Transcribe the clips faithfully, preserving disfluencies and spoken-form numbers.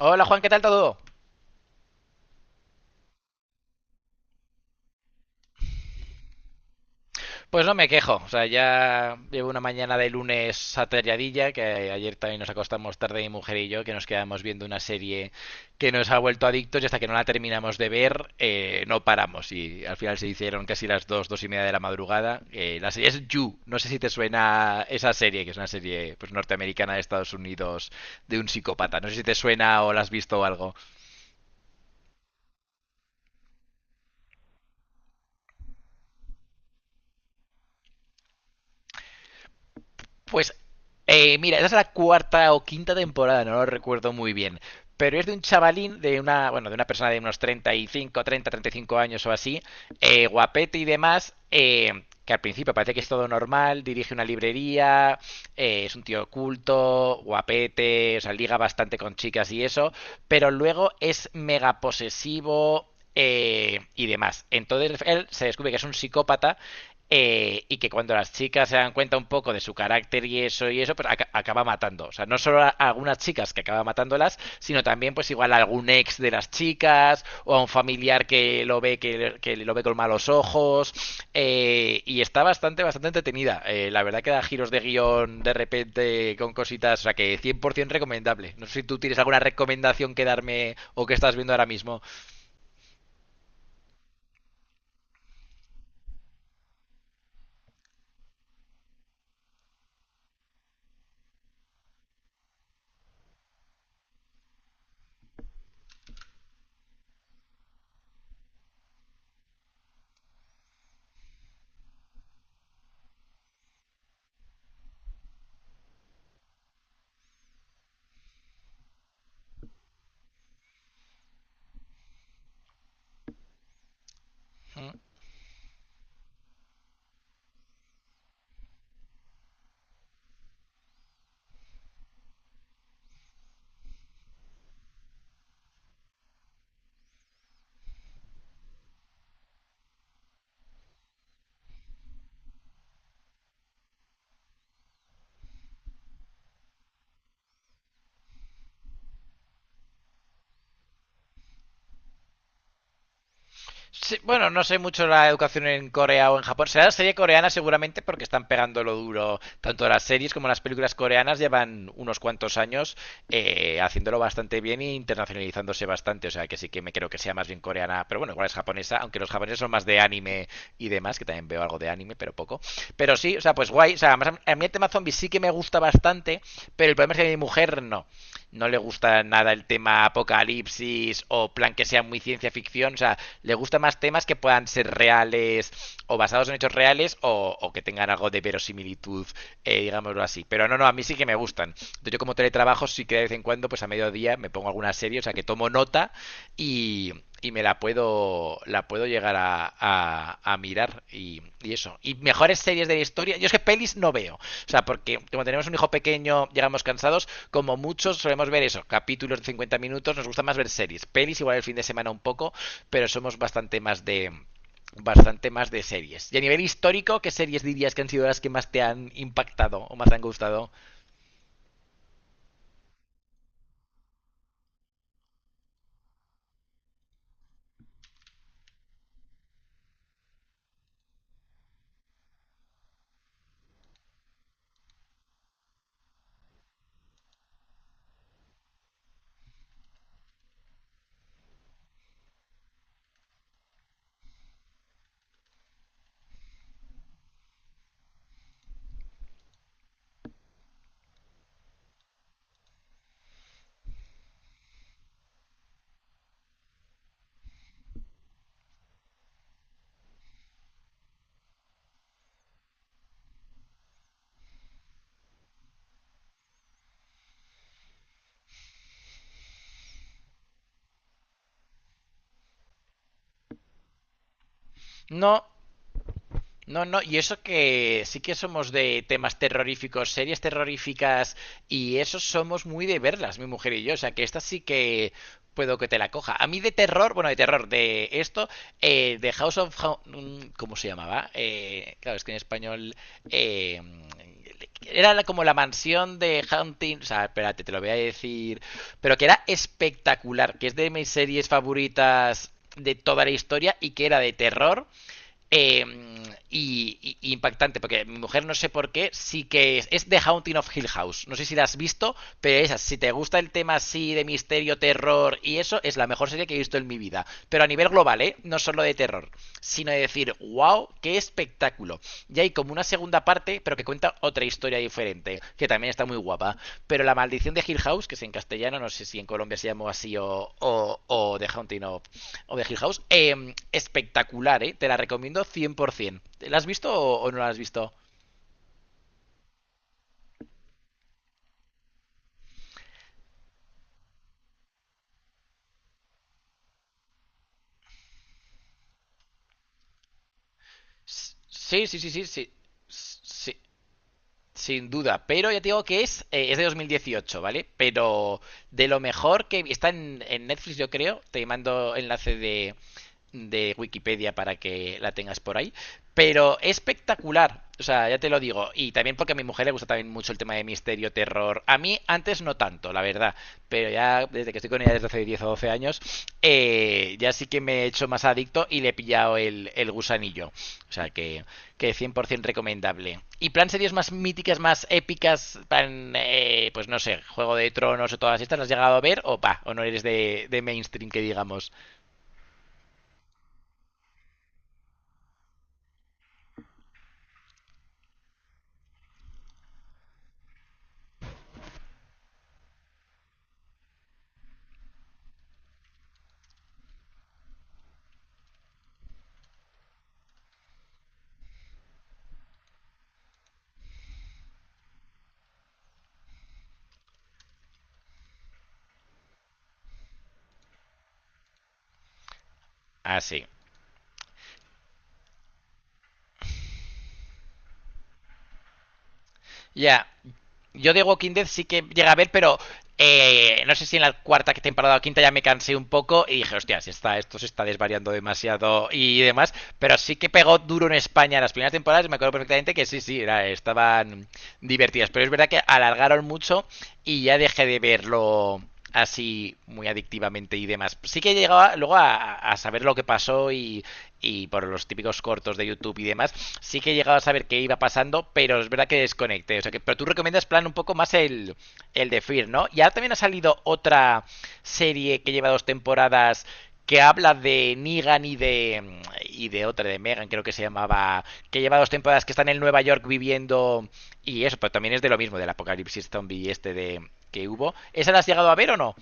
Hola Juan, ¿qué tal todo? Pues no me quejo, o sea, ya llevo una mañana de lunes atareadilla, que ayer también nos acostamos tarde mi mujer y yo, que nos quedamos viendo una serie que nos ha vuelto adictos y hasta que no la terminamos de ver eh, no paramos y al final se hicieron casi las dos, dos y media de la madrugada. Eh, la serie es You, no sé si te suena esa serie, que es una serie pues norteamericana de Estados Unidos de un psicópata, no sé si te suena o la has visto o algo. Pues, eh, Mira, esa es la cuarta o quinta temporada, no lo recuerdo muy bien. Pero es de un chavalín, de una, bueno, de una persona de unos treinta treinta, y cinco, treinta treinta y cinco años o así, eh, guapete y demás, eh, que al principio parece que es todo normal, dirige una librería, eh, es un tío culto, guapete, o sea, liga bastante con chicas y eso, pero luego es mega posesivo eh, y demás. Entonces él se descubre que es un psicópata eh, y que cuando las chicas se dan cuenta un poco de su carácter y eso y eso, pues aca- acaba matando. O sea, no solo a algunas chicas que acaba matándolas, sino también pues igual a algún ex de las chicas o a un familiar que lo ve que, que lo ve con malos ojos. Eh, y está bastante, bastante entretenida. Eh, la verdad que da giros de guión de repente con cositas, o sea que cien por cien recomendable. No sé si tú tienes alguna recomendación que darme o que estás viendo ahora mismo. Mm. Sí, bueno, no sé mucho la educación en Corea o en Japón. Será la serie coreana seguramente porque están pegando lo duro. Tanto las series como las películas coreanas llevan unos cuantos años eh, haciéndolo bastante bien e internacionalizándose bastante. O sea que sí que me creo que sea más bien coreana, pero bueno, igual es japonesa, aunque los japoneses son más de anime y demás, que también veo algo de anime, pero poco. Pero sí, o sea, pues guay. O sea, además a mí el tema zombie sí que me gusta bastante, pero el problema es que a mi mujer no no le gusta nada el tema apocalipsis o plan que sea muy ciencia ficción. O sea, le gustan más temas que puedan ser reales o basados en hechos reales o, o que tengan algo de verosimilitud, eh, digámoslo así. Pero no, no, a mí sí que me gustan. Entonces, yo como teletrabajo sí que de vez en cuando, pues a mediodía me pongo alguna serie, o sea, que tomo nota y, y me la puedo la puedo llegar a, a, a mirar y, y, eso. Y mejores series de la historia. Yo es que pelis no veo. O sea, porque como tenemos un hijo pequeño, llegamos cansados, como muchos solemos ver eso, capítulos de cincuenta minutos, nos gusta más ver series. Pelis igual el fin de semana un poco, pero somos bastante más de bastante más de series. Y a nivel histórico, ¿qué series dirías que han sido las que más te han impactado o más te han gustado? No, no, no, y eso que sí que somos de temas terroríficos, series terroríficas, y eso somos muy de verlas, mi mujer y yo. O sea, que esta sí que puedo que te la coja. A mí de terror, bueno, de terror, de esto, eh, de House of... Ho- mm, ¿Cómo se llamaba? Eh, claro, es que en español... eh, era la- como la mansión de Hunting... O sea, espérate, te lo voy a decir. Pero que era espectacular, que es de mis series favoritas de toda la historia y que era de terror eh, y, y- impactante, porque mi mujer no sé por qué, sí que es, es The Haunting of Hill House. No sé si la has visto, pero esa, si te gusta el tema así de misterio, terror y eso, es la mejor serie que he visto en mi vida. Pero a nivel global, ¿eh? No solo de terror, sino de decir, wow, qué espectáculo. Y hay como una segunda parte, pero que cuenta otra historia diferente, que también está muy guapa. Pero La Maldición de Hill House, que es en castellano, no sé si en Colombia se llamó así o, o, o The Haunting of o de Hill House, eh, espectacular, ¿eh? Te la recomiendo cien por cien. ¿La has visto o, no la has visto? Sí, sí, sí, sí, sí. Sí, sin duda, pero ya te digo que es, eh, es de dos mil dieciocho, ¿vale? Pero de lo mejor que está en, en Netflix, yo creo. Te mando enlace de, de Wikipedia para que la tengas por ahí. Pero espectacular, o sea, ya te lo digo. Y también porque a mi mujer le gusta también mucho el tema de misterio, terror. A mí antes no tanto, la verdad. Pero ya desde que estoy con ella desde hace diez o doce años, eh, ya sí que me he hecho más adicto y le he pillado el, el gusanillo. O sea que, que cien por cien recomendable. Y plan series más míticas, más épicas, plan, eh, pues no sé, Juego de Tronos o todas estas, ¿las has llegado a ver? O pa, o no eres de, de mainstream que digamos. Así. Ya. Yo de Walking Dead sí que llega a ver, pero eh, no sé si en la cuarta temporada o quinta ya me cansé un poco y dije, hostia, si está, esto se está desvariando demasiado y demás. Pero sí que pegó duro en España en las primeras temporadas. Y me acuerdo perfectamente que sí, sí, era- estaban divertidas. Pero es verdad que alargaron mucho y ya dejé de verlo así muy adictivamente y demás. Sí que llegaba luego a, a saber lo que pasó y y por los típicos cortos de YouTube y demás, sí que he llegado a saber qué iba pasando, pero es verdad que desconecté. O sea que, pero tú recomiendas plan un poco más el, el de Fear, ¿no? Y ahora también ha salido otra serie que lleva dos temporadas que habla de Negan y de y de otra de Megan, creo que se llamaba, que lleva dos temporadas que están en Nueva York viviendo y eso, pero también es de lo mismo del apocalipsis zombie este de que hubo. ¿Esa la has llegado a ver o no?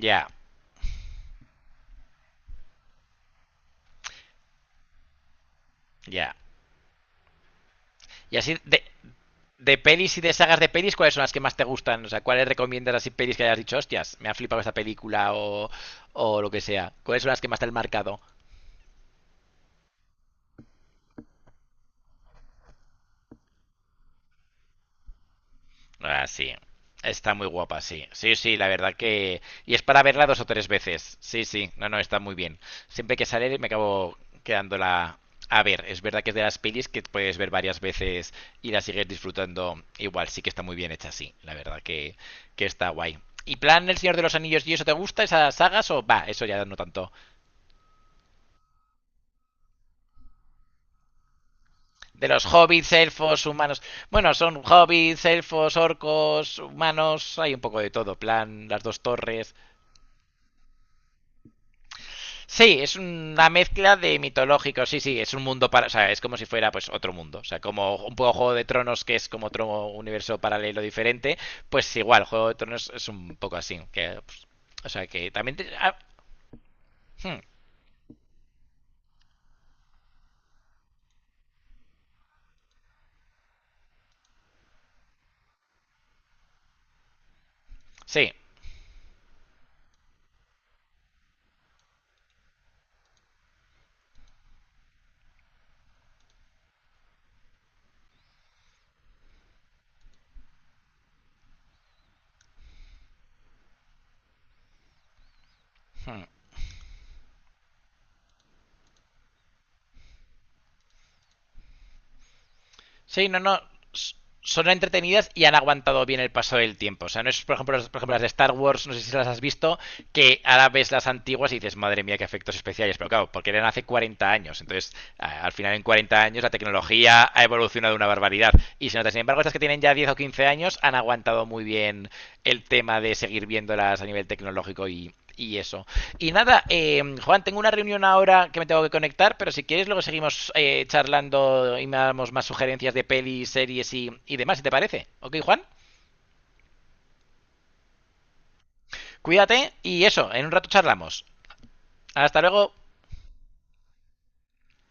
Ya, ya. Y así de, de pelis y de sagas de pelis, ¿cuáles son las que más te gustan? O sea, ¿cuáles recomiendas así pelis que hayas dicho, hostias, me ha flipado esta película o, o lo que sea? ¿Cuáles son las que más te han marcado? Ah, sí. Está muy guapa, sí. Sí, sí, la verdad que... Y es para verla dos o tres veces. Sí, sí. No, no, está muy bien. Siempre que sale me acabo quedándola a ver. Es verdad que es de las pelis que puedes ver varias veces y la sigues disfrutando igual. Sí que está muy bien hecha, sí. La verdad que, que está guay. ¿Y plan El Señor de los Anillos y eso te gusta, esas sagas? O va, eso ya no tanto. De los hobbits, elfos, humanos. Bueno, son hobbits, elfos, orcos, humanos, hay un poco de todo. Plan, las dos torres. Sí, es una mezcla de mitológico, sí, sí, es un mundo para, o sea, es como si fuera pues otro mundo, o sea, como un poco Juego de Tronos que es como otro universo paralelo diferente, pues igual Juego de Tronos es un poco así, que pues, o sea, que también te- ah, hmm, sí, sí, no, no. s- Son entretenidas y han aguantado bien el paso del tiempo. O sea, no es, por ejemplo, las, por ejemplo, las de Star Wars, no sé si las has visto, que ahora ves las antiguas y dices, madre mía, qué efectos especiales. Pero claro, porque eran hace cuarenta años. Entonces, a- al final, en cuarenta años, la tecnología ha evolucionado una barbaridad. Y se nota, sin embargo, estas que tienen ya diez o quince años han aguantado muy bien el tema de seguir viéndolas a nivel tecnológico y, y eso. Y nada, eh, Juan, tengo una reunión ahora que me tengo que conectar, pero si quieres luego seguimos eh, charlando y me damos más sugerencias de pelis, series y, y demás, si te parece. ¿Ok, Juan? Cuídate y eso, en un rato charlamos. Hasta luego.